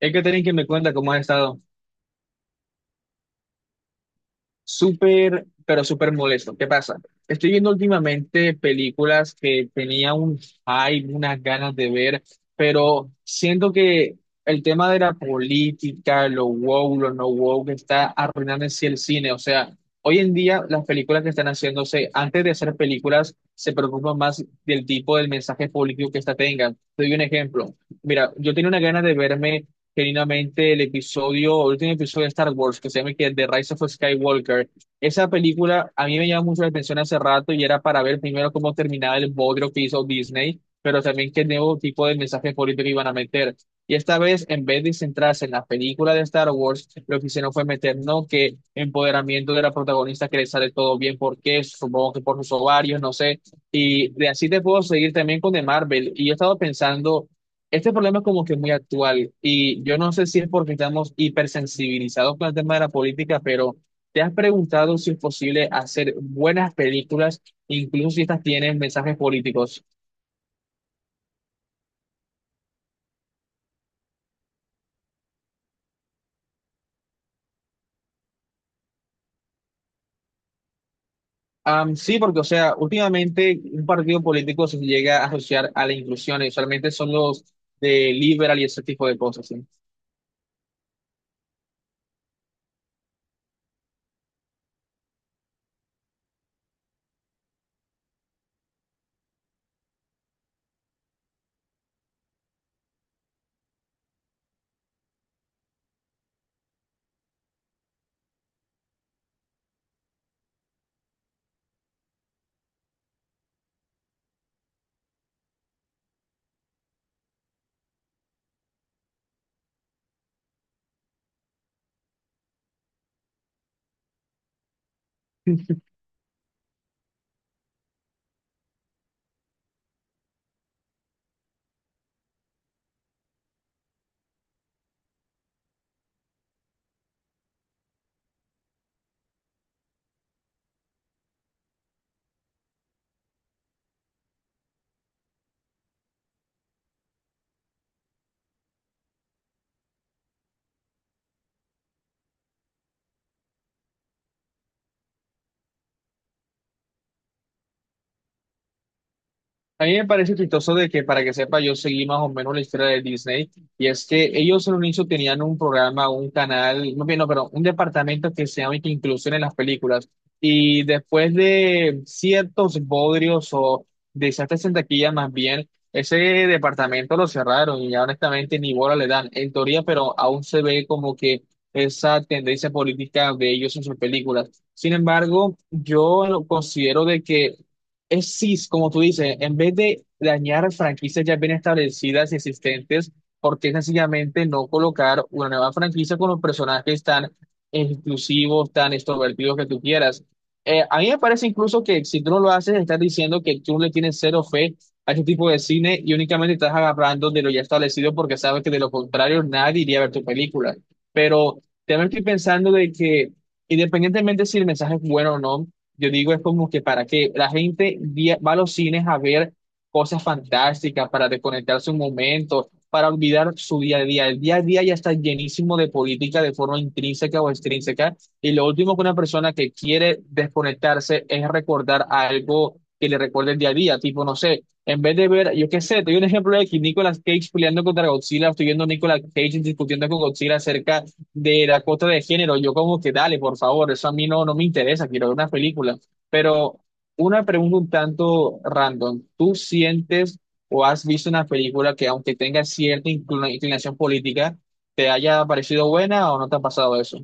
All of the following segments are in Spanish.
Es que tenéis que me cuenta cómo has estado. Súper, pero súper molesto. ¿Qué pasa? Estoy viendo últimamente películas que tenía un hype, unas ganas de ver, pero siento que el tema de la política, lo woke, lo no woke, está arruinando en sí el cine. O sea, hoy en día las películas que están haciéndose, antes de hacer películas, se preocupan más del tipo del mensaje político que esta tengan. Te doy un ejemplo. Mira, yo tenía una gana de verme genuinamente el episodio, el último episodio de Star Wars, que se llama que The Rise of Skywalker. Esa película a mí me llamó mucho la atención hace rato y era para ver primero cómo terminaba el bodrio que hizo Disney, pero también qué nuevo tipo de mensaje político iban a meter. Y esta vez, en vez de centrarse en la película de Star Wars, lo que hicieron fue meter, no que empoderamiento de la protagonista que le sale todo bien, porque supongo que por sus ovarios, no sé. Y de así te puedo seguir también con de Marvel. Y yo he estado pensando este problema es como que muy actual y yo no sé si es porque estamos hipersensibilizados con el tema de la política, pero ¿te has preguntado si es posible hacer buenas películas, incluso si estas tienen mensajes políticos? Sí, porque, o sea, últimamente un partido político se llega a asociar a la inclusión y usualmente son los de liberal y ese tipo de cosas, ¿sí? A mí me parece chistoso de que, para que sepa, yo seguí más o menos la historia de Disney, y es que ellos en un inicio tenían un programa, un canal, no, bien, no, perdón, un departamento que se llama Inclusión en las películas, y después de ciertos bodrios o desastres en taquilla más bien, ese departamento lo cerraron y ya honestamente ni bola le dan, en teoría, pero aún se ve como que esa tendencia política de ellos en sus películas. Sin embargo, yo lo considero de que es CIS, como tú dices, en vez de dañar franquicias ya bien establecidas y existentes, ¿por qué sencillamente no colocar una nueva franquicia con los personajes tan exclusivos, tan extrovertidos que tú quieras? A mí me parece incluso que si tú no lo haces, estás diciendo que tú le tienes cero fe a este tipo de cine y únicamente estás agarrando de lo ya establecido porque sabes que de lo contrario nadie iría a ver tu película. Pero también estoy pensando de que, independientemente si el mensaje es bueno o no, yo digo, es como que para que la gente va a los cines a ver cosas fantásticas, para desconectarse un momento, para olvidar su día a día. El día a día ya está llenísimo de política de forma intrínseca o extrínseca. Y lo último que una persona que quiere desconectarse es recordar algo que le recuerde el día a día. Tipo, no sé, en vez de ver, yo qué sé, te doy un ejemplo de que Nicolas Cage peleando contra Godzilla, estoy viendo a Nicolas Cage discutiendo con Godzilla acerca de la cuota de género. Yo como que dale, por favor, eso a mí no me interesa, quiero ver una película. Pero una pregunta un tanto random. ¿Tú sientes o has visto una película que aunque tenga cierta inclinación política, te haya parecido buena o no te ha pasado eso?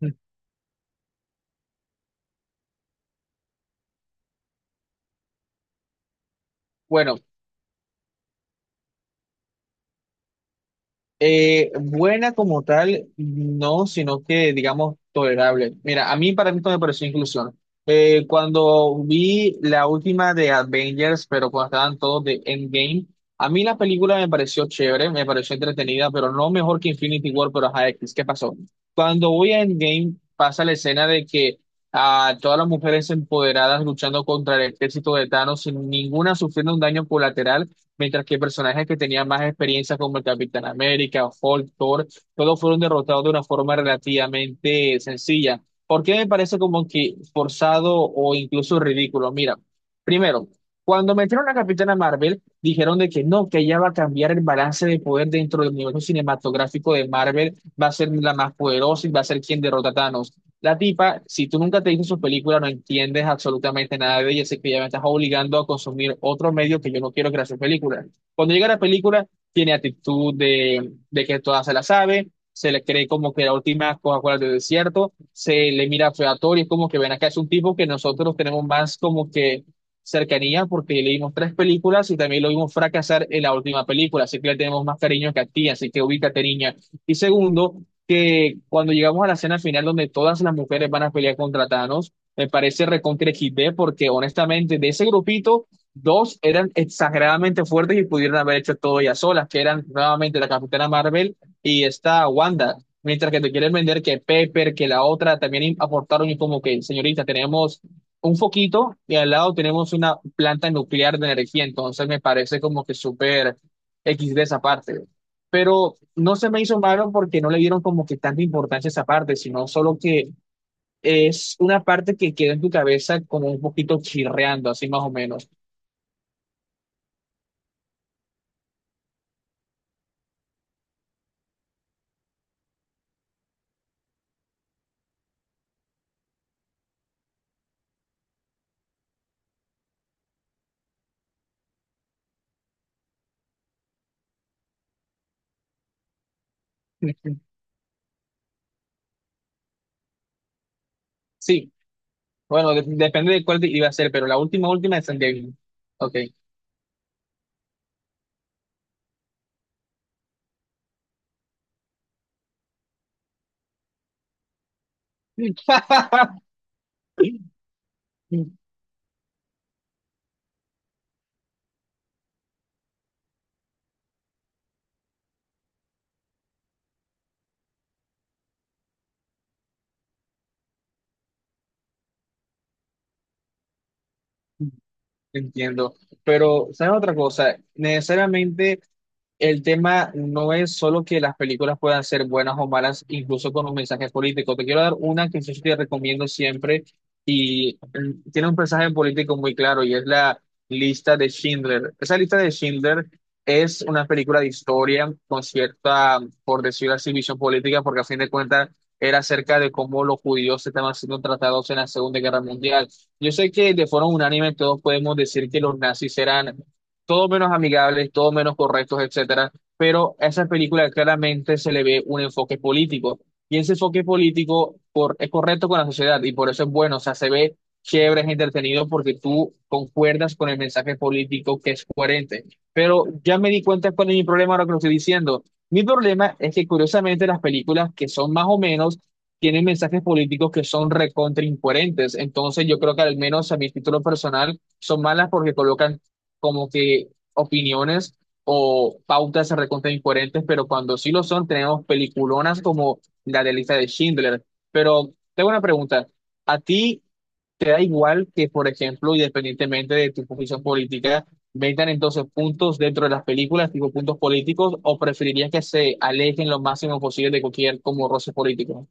Bueno, buena como tal, no, sino que digamos tolerable. Mira, a mí para mí esto me pareció inclusión. Cuando vi la última de Avengers, pero cuando estaban todos de Endgame, a mí la película me pareció chévere, me pareció entretenida, pero no mejor que Infinity War, pero ajá, X, ¿qué pasó? Cuando voy a Endgame, pasa la escena de que a todas las mujeres empoderadas luchando contra el ejército de Thanos sin ninguna sufriendo un daño colateral mientras que personajes que tenían más experiencia como el Capitán América, o Hulk, Thor, todos fueron derrotados de una forma relativamente sencilla. ¿Por qué me parece como que forzado o incluso ridículo? Mira, primero, cuando metieron a Capitana Marvel, dijeron de que no, que ella va a cambiar el balance de poder dentro del universo cinematográfico de Marvel, va a ser la más poderosa y va a ser quien derrota a Thanos. La tipa, si tú nunca te viste sus películas, no entiendes absolutamente nada de ella, así que ya me estás obligando a consumir otro medio que yo no quiero que era su película. Cuando llega la película, tiene actitud de que toda se la sabe, se le cree como que la última Coca-Cola del desierto, se le mira featorio, es como que ven acá, es un tipo que nosotros tenemos más como que cercanía porque le dimos tres películas y también lo vimos fracasar en la última película, así que le tenemos más cariño que a ti, así que ubícate, niña. Y segundo, que cuando llegamos a la escena final donde todas las mujeres van a pelear contra Thanos, me parece recontra equis de porque honestamente de ese grupito, dos eran exageradamente fuertes y pudieron haber hecho todo ellas solas, que eran nuevamente la Capitana Marvel y esta Wanda. Mientras que te quieren vender que Pepper, que la otra también aportaron y como que, señorita, tenemos un foquito y al lado tenemos una planta nuclear de energía, entonces me parece como que súper equis de esa parte, pero no se me hizo malo porque no le dieron como que tanta importancia a esa parte, sino solo que es una parte que queda en tu cabeza como un poquito chirreando, así más o menos. Sí, bueno, depende de cuál iba a ser, pero la última, última es Evil. Ok. Entiendo, pero ¿saben otra cosa? Necesariamente el tema no es solo que las películas puedan ser buenas o malas, incluso con un mensaje político. Te quiero dar una que yo te recomiendo siempre y tiene un mensaje político muy claro y es la lista de Schindler. Esa lista de Schindler es una película de historia con cierta, por decirlo así, visión política, porque a fin de cuentas era acerca de cómo los judíos estaban siendo tratados en la Segunda Guerra Mundial. Yo sé que de forma unánime todos podemos decir que los nazis eran todo menos amigables, todo menos correctos, etcétera, pero a esa película claramente se le ve un enfoque político y ese enfoque político es correcto con la sociedad y por eso es bueno, o sea, se ve chévere, es entretenido porque tú concuerdas con el mensaje político que es coherente. Pero ya me di cuenta cuál es mi problema ahora que lo estoy diciendo. Mi problema es que curiosamente las películas que son más o menos tienen mensajes políticos que son recontra incoherentes. Entonces, yo creo que al menos a mi título personal son malas porque colocan como que opiniones o pautas recontra incoherentes, pero cuando sí lo son, tenemos peliculonas como la de lista de Schindler. Pero tengo una pregunta. ¿A ti te da igual que, por ejemplo, independientemente de tu posición política, vendan entonces puntos dentro de las películas, tipo puntos políticos, o preferirías que se alejen lo máximo posible de cualquier como roce político?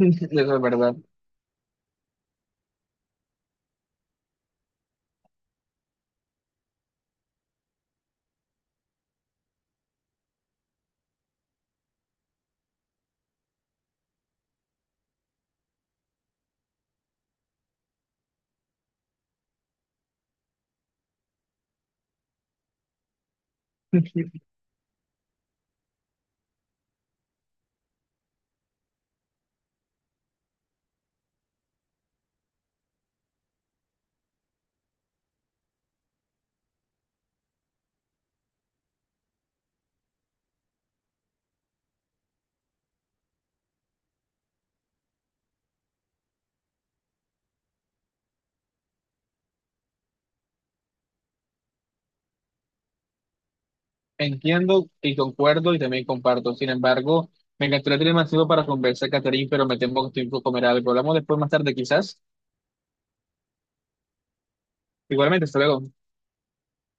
Eso es verdad. Entiendo y concuerdo y también comparto. Sin embargo, me encantaría tener más tiempo para conversar, Catherine, pero me temo que tengo que comer algo. Hablamos después más tarde, quizás. Igualmente, hasta luego.